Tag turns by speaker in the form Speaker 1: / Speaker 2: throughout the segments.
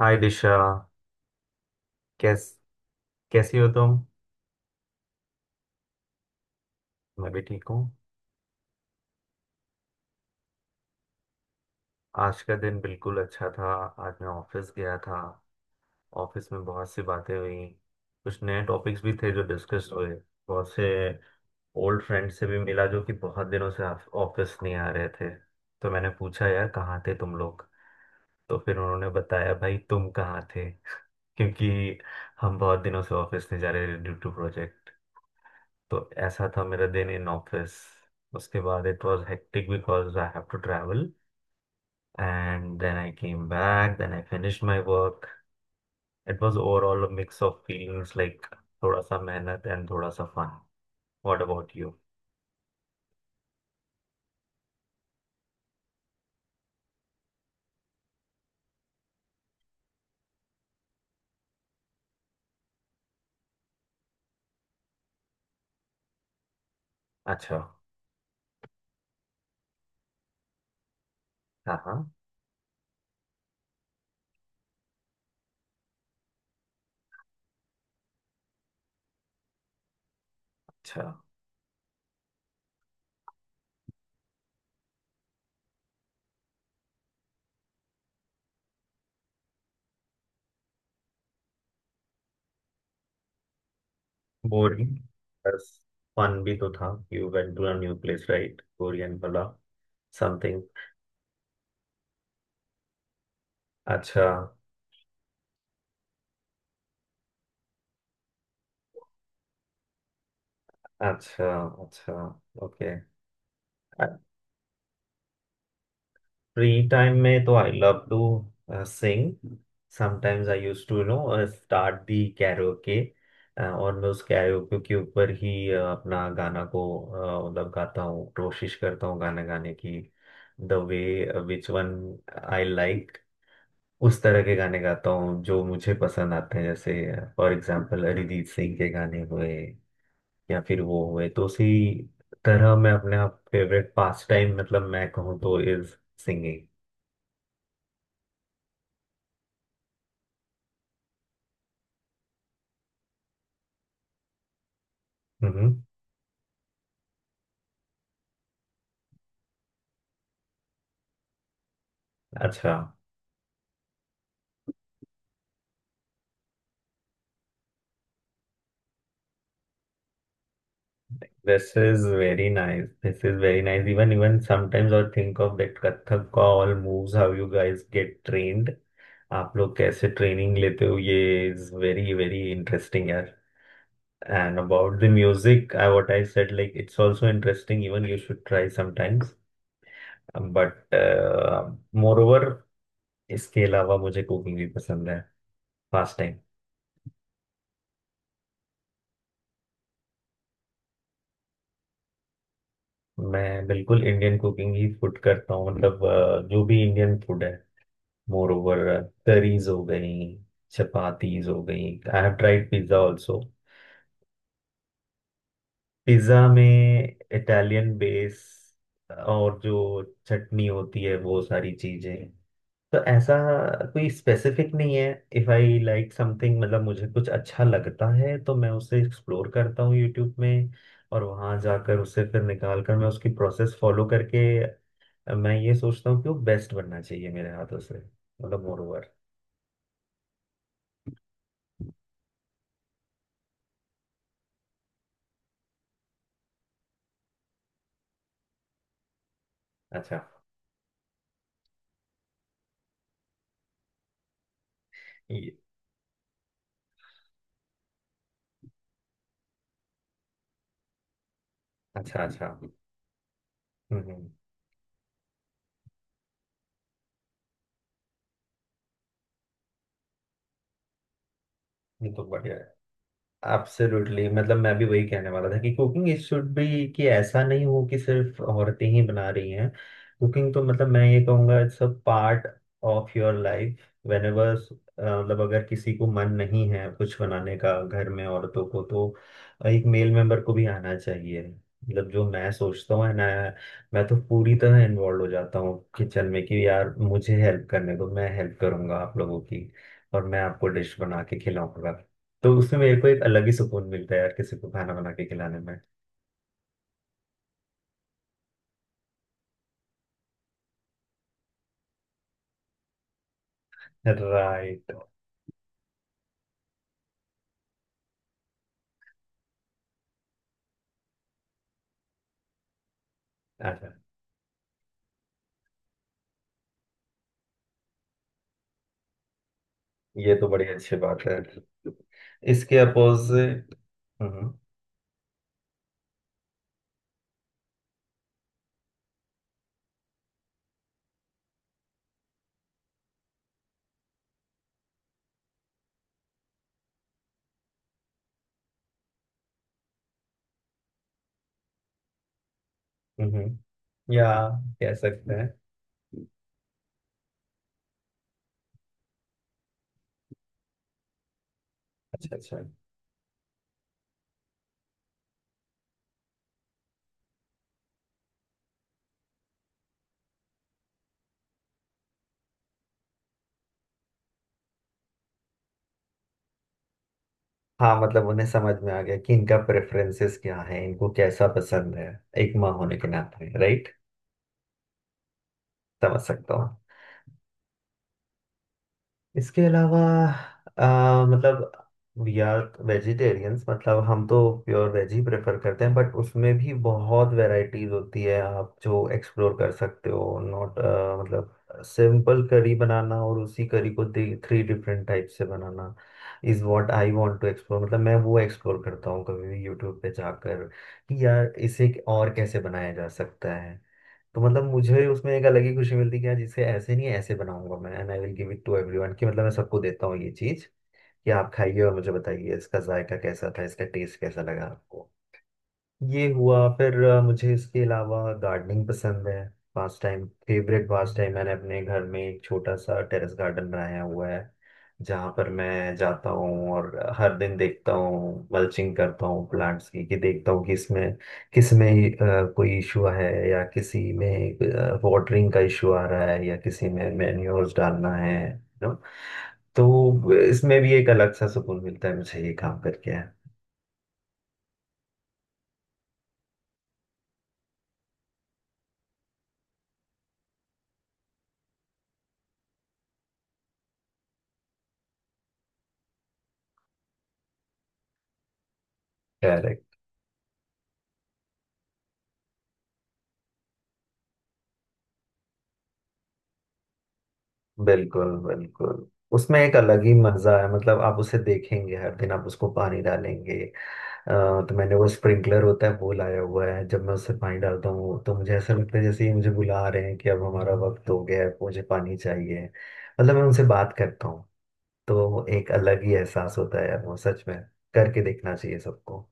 Speaker 1: हाय दिशा। कैस कैसी हो तुम? मैं भी ठीक हूँ। आज का दिन बिल्कुल अच्छा था। आज मैं ऑफिस गया था। ऑफिस में बहुत सी बातें हुई। कुछ नए टॉपिक्स भी थे जो डिस्कस हुए। बहुत से ओल्ड फ्रेंड से भी मिला जो कि बहुत दिनों से ऑफिस नहीं आ रहे थे। तो मैंने पूछा, यार कहाँ थे तुम लोग। तो फिर उन्होंने बताया, भाई तुम कहाँ थे। क्योंकि हम बहुत दिनों से ऑफिस नहीं जा रहे ड्यू टू प्रोजेक्ट। तो ऐसा था मेरा दिन इन ऑफिस। उसके बाद it was hectic because I have to travel, and then I came back, then I finish my work. It was overall a mix of feelings, like थोड़ा सा मेहनत एंड थोड़ा सा फन। What about you? अच्छा। हाँ हाँ। अच्छा। Boring. बस, फन भी तो था। You went to a new place right, Korean वाला समथिंग। अच्छा। अच्छा। अच्छा। ओके। फ्री टाइम में तो I love to sing. Sometimes I use to know start the karaoke, और मैं उस कैरोके के ऊपर ही अपना गाना को, मतलब गाता हूँ, कोशिश करता हूँ गाना गाने की। The way which one I like, उस तरह के गाने गाता हूँ जो मुझे पसंद आते हैं, जैसे फॉर एग्जाम्पल अरिजीत सिंह के गाने हुए, या फिर वो हुए। तो उसी तरह मैं अपने आप फेवरेट पास टाइम मतलब मैं कहूँ तो इज सिंगिंग। अच्छा। This is very nice, this is very nice. Even even sometimes और थिंक ऑफ दैट कथक का all moves, how you guys get trained, आप लोग कैसे ट्रेनिंग लेते हो, ये इज वेरी वेरी इंटरेस्टिंग यार। And about the music, I what I said like, it's also interesting, even you should try sometimes. But more over, इसके अलावा मुझे कुकिंग भी पसंद है फास्ट टाइम। मैं बिल्कुल इंडियन कुकिंग ही फूड करता हूँ, मतलब जो भी इंडियन फूड है। मोर ओवर तरीज हो गई, चपातीज हो गई। I have tried pizza also. Pizza में इटालियन बेस और जो चटनी होती है, वो सारी चीजें। तो ऐसा कोई स्पेसिफिक नहीं है। इफ आई लाइक समथिंग, मतलब मुझे कुछ अच्छा लगता है, तो मैं उसे एक्सप्लोर करता हूँ यूट्यूब में, और वहां जाकर उसे फिर निकाल कर मैं उसकी प्रोसेस फॉलो करके मैं ये सोचता हूँ कि वो बेस्ट बनना चाहिए मेरे हाथों से, मतलब मोर ओवर। अच्छा। अच्छा। अच्छा। हम्म। हम्म, ये तो बढ़िया है। एब्सोल्युटली, मतलब मैं भी वही कहने वाला था कि कुकिंग इज शुड बी, कि ऐसा नहीं हो कि सिर्फ औरतें ही बना रही हैं। कुकिंग तो मतलब मैं ये कहूँगा it's a part of your life, whenever मतलब अगर किसी को मन नहीं है कुछ बनाने का घर में, औरतों को, तो एक मेल मेंबर को भी आना चाहिए। मतलब जो मैं सोचता हूँ ना, मैं तो पूरी तरह इन्वॉल्व हो जाता हूँ किचन में कि यार मुझे हेल्प करने दो, मैं हेल्प करूंगा आप लोगों की, और मैं आपको डिश बना के खिलाऊंगा। तो उसमें मेरे को एक अलग ही सुकून मिलता है यार, किसी को खाना बना के खिलाने में। राइट। अच्छा। ये तो बड़ी अच्छी बात है। इसके अपोजिट। हम्म। हम्म। या कह सकते हैं। अच्छा। अच्छा। हाँ, मतलब उन्हें समझ में आ गया कि इनका प्रेफरेंसेस क्या है, इनको कैसा पसंद है। एक माँ होने के नाते राइट, समझ सकता हूँ। इसके अलावा मतलब वी आर वेजिटेरियंस, मतलब हम तो प्योर वेज ही प्रेफर करते हैं। बट उसमें भी बहुत वैरायटीज होती है, आप जो एक्सप्लोर कर सकते हो। नॉट मतलब सिंपल करी बनाना, और उसी करी को थ्री डिफरेंट टाइप से बनाना is what I want to explore. मतलब मैं वो एक्सप्लोर करता हूँ कभी भी यूट्यूब पे जाकर कि यार इसे और कैसे बनाया जा सकता है। तो मतलब मुझे उसमें एक अलग ही खुशी मिलती है कि यार जिसे ऐसे नहीं, ऐसे बनाऊंगा मैं, and I will give it to everyone, कि मतलब मैं सबको देता हूँ ये चीज, कि आप खाइए और मुझे बताइए इसका जायका कैसा था, इसका टेस्ट कैसा लगा आपको। ये हुआ। फिर मुझे इसके अलावा गार्डनिंग पसंद है। Pastime, favourite pastime. मैंने अपने घर में एक छोटा सा टेरेस गार्डन बनाया हुआ है, जहाँ पर मैं जाता हूँ और हर दिन देखता हूँ, मल्चिंग करता हूँ प्लांट्स की, कि देखता हूँ कि इसमें, किस में कोई इशू है, या किसी में वाटरिंग का इशू आ रहा है, या किसी में मैन्योर्स डालना है, नो। तो इसमें भी एक अलग सा सुकून मिलता है मुझे ये काम करके। बिल्कुल बिल्कुल। उसमें एक अलग ही मजा है, मतलब आप उसे देखेंगे हर दिन, आप उसको पानी डालेंगे। अ, तो मैंने वो स्प्रिंकलर होता है वो लाया हुआ है, जब मैं उससे पानी डालता हूँ तो मुझे ऐसा लगता है जैसे ही मुझे बुला रहे हैं, कि अब हमारा वक्त हो गया है, मुझे पानी चाहिए। मतलब मैं उनसे बात करता हूँ। तो एक अलग ही एहसास होता है यार, वो सच में करके देखना चाहिए सबको।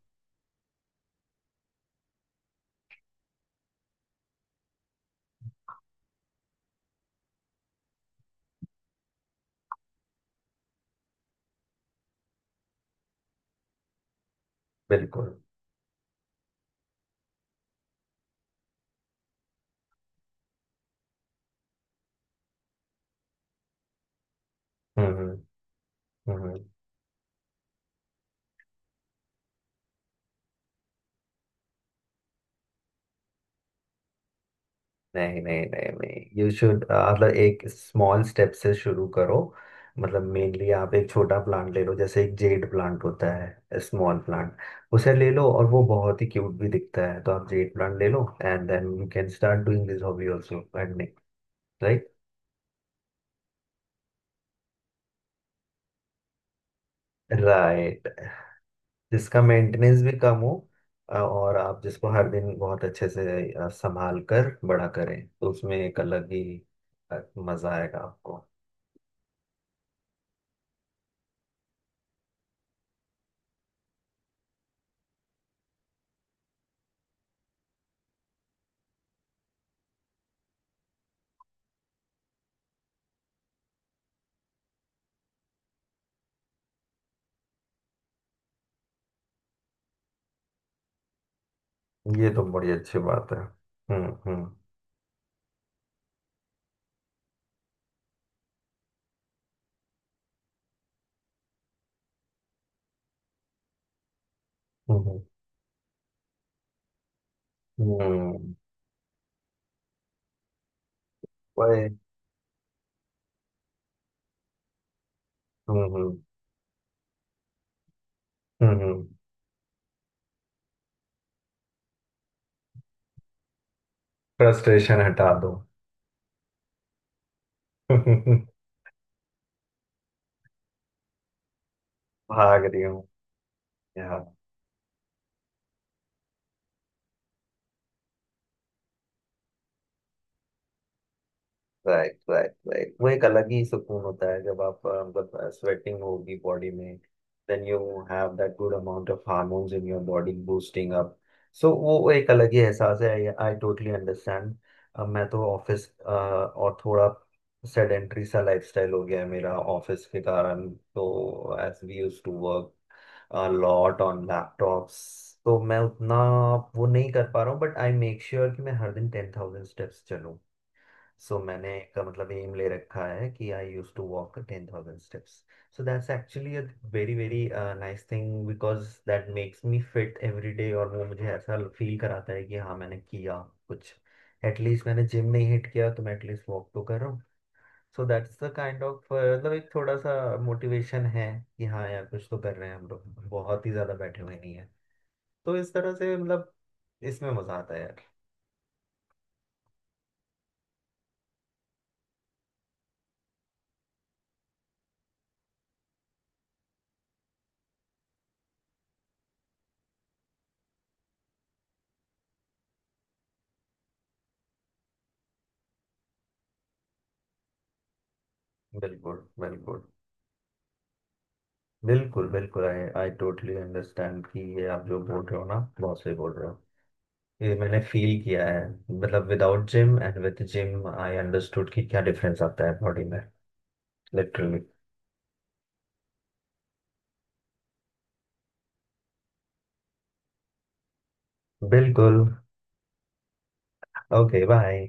Speaker 1: बिल्कुल। हम्म। हम्म। हम्म। नहीं, नहीं, नहीं, नहीं, यू शुड मतलब एक स्मॉल स्टेप से शुरू करो। मतलब मेनली आप एक छोटा प्लांट ले लो, जैसे एक जेड प्लांट होता है, स्मॉल प्लांट, उसे ले लो, और वो बहुत ही क्यूट भी दिखता है। तो आप जेड प्लांट ले लो, and then you can start doing this hobby also, gardening right. Right, जिसका मेंटेनेंस भी कम हो। और आप जिसको हर दिन बहुत अच्छे से संभाल कर बड़ा करें, तो उसमें एक अलग ही अ, मजा आएगा आपको। ये तो बड़ी अच्छी बात है। हम्म। हम्म। हम्म। हम्म, हम्म, वही। हम्म। हम्म। फ्रस्ट्रेशन हटा दो। भाग रही हूँ। राइट राइट राइट, वो एक अलग ही सुकून होता है जब आप मतलब स्वेटिंग होगी बॉडी में, then you have that good amount of hormones in your body boosting up. So वो एक अलग ही एहसास है, आई टोटली अंडरस्टैंड। मैं तो ऑफिस, और थोड़ा सेडेंट्री सा लाइफस्टाइल हो गया है मेरा ऑफिस के कारण, तो as we use to work lot on laptops, तो मैं उतना वो नहीं कर पा रहा हूँ। बट आई मेक श्योर कि मैं हर दिन टेन थाउजेंड स्टेप्स चलूँ। सो मैंने एक मतलब एम ले रखा है कि I use to walk ten thousand steps. So that's actually a very very nice thing, because that makes me fit every day, और वो मुझे ऐसा फील कराता है कि हाँ मैंने किया कुछ, एटलीस्ट मैंने जिम नहीं हिट किया तो मैं एटलीस्ट वॉक तो कर रहा हूँ। So that's the kind of मतलब एक थोड़ा सा मोटिवेशन है कि हाँ यार कुछ तो कर रहे हैं हम लोग, बहुत ही ज्यादा बैठे हुए नहीं है। तो इस तरह से मतलब इसमें मजा आता है यार। बिल्कुल बिल्कुल। बिल्कुल बिल्कुल, आई आई टोटली अंडरस्टैंड कि ये आप जो बोल रहे हो ना, बहुत सही बोल रहे हो। ये मैंने फील किया है। मतलब without gym and with gym I understood कि क्या डिफरेंस आता है बॉडी में, लिटरली। बिल्कुल। ओके। बाय।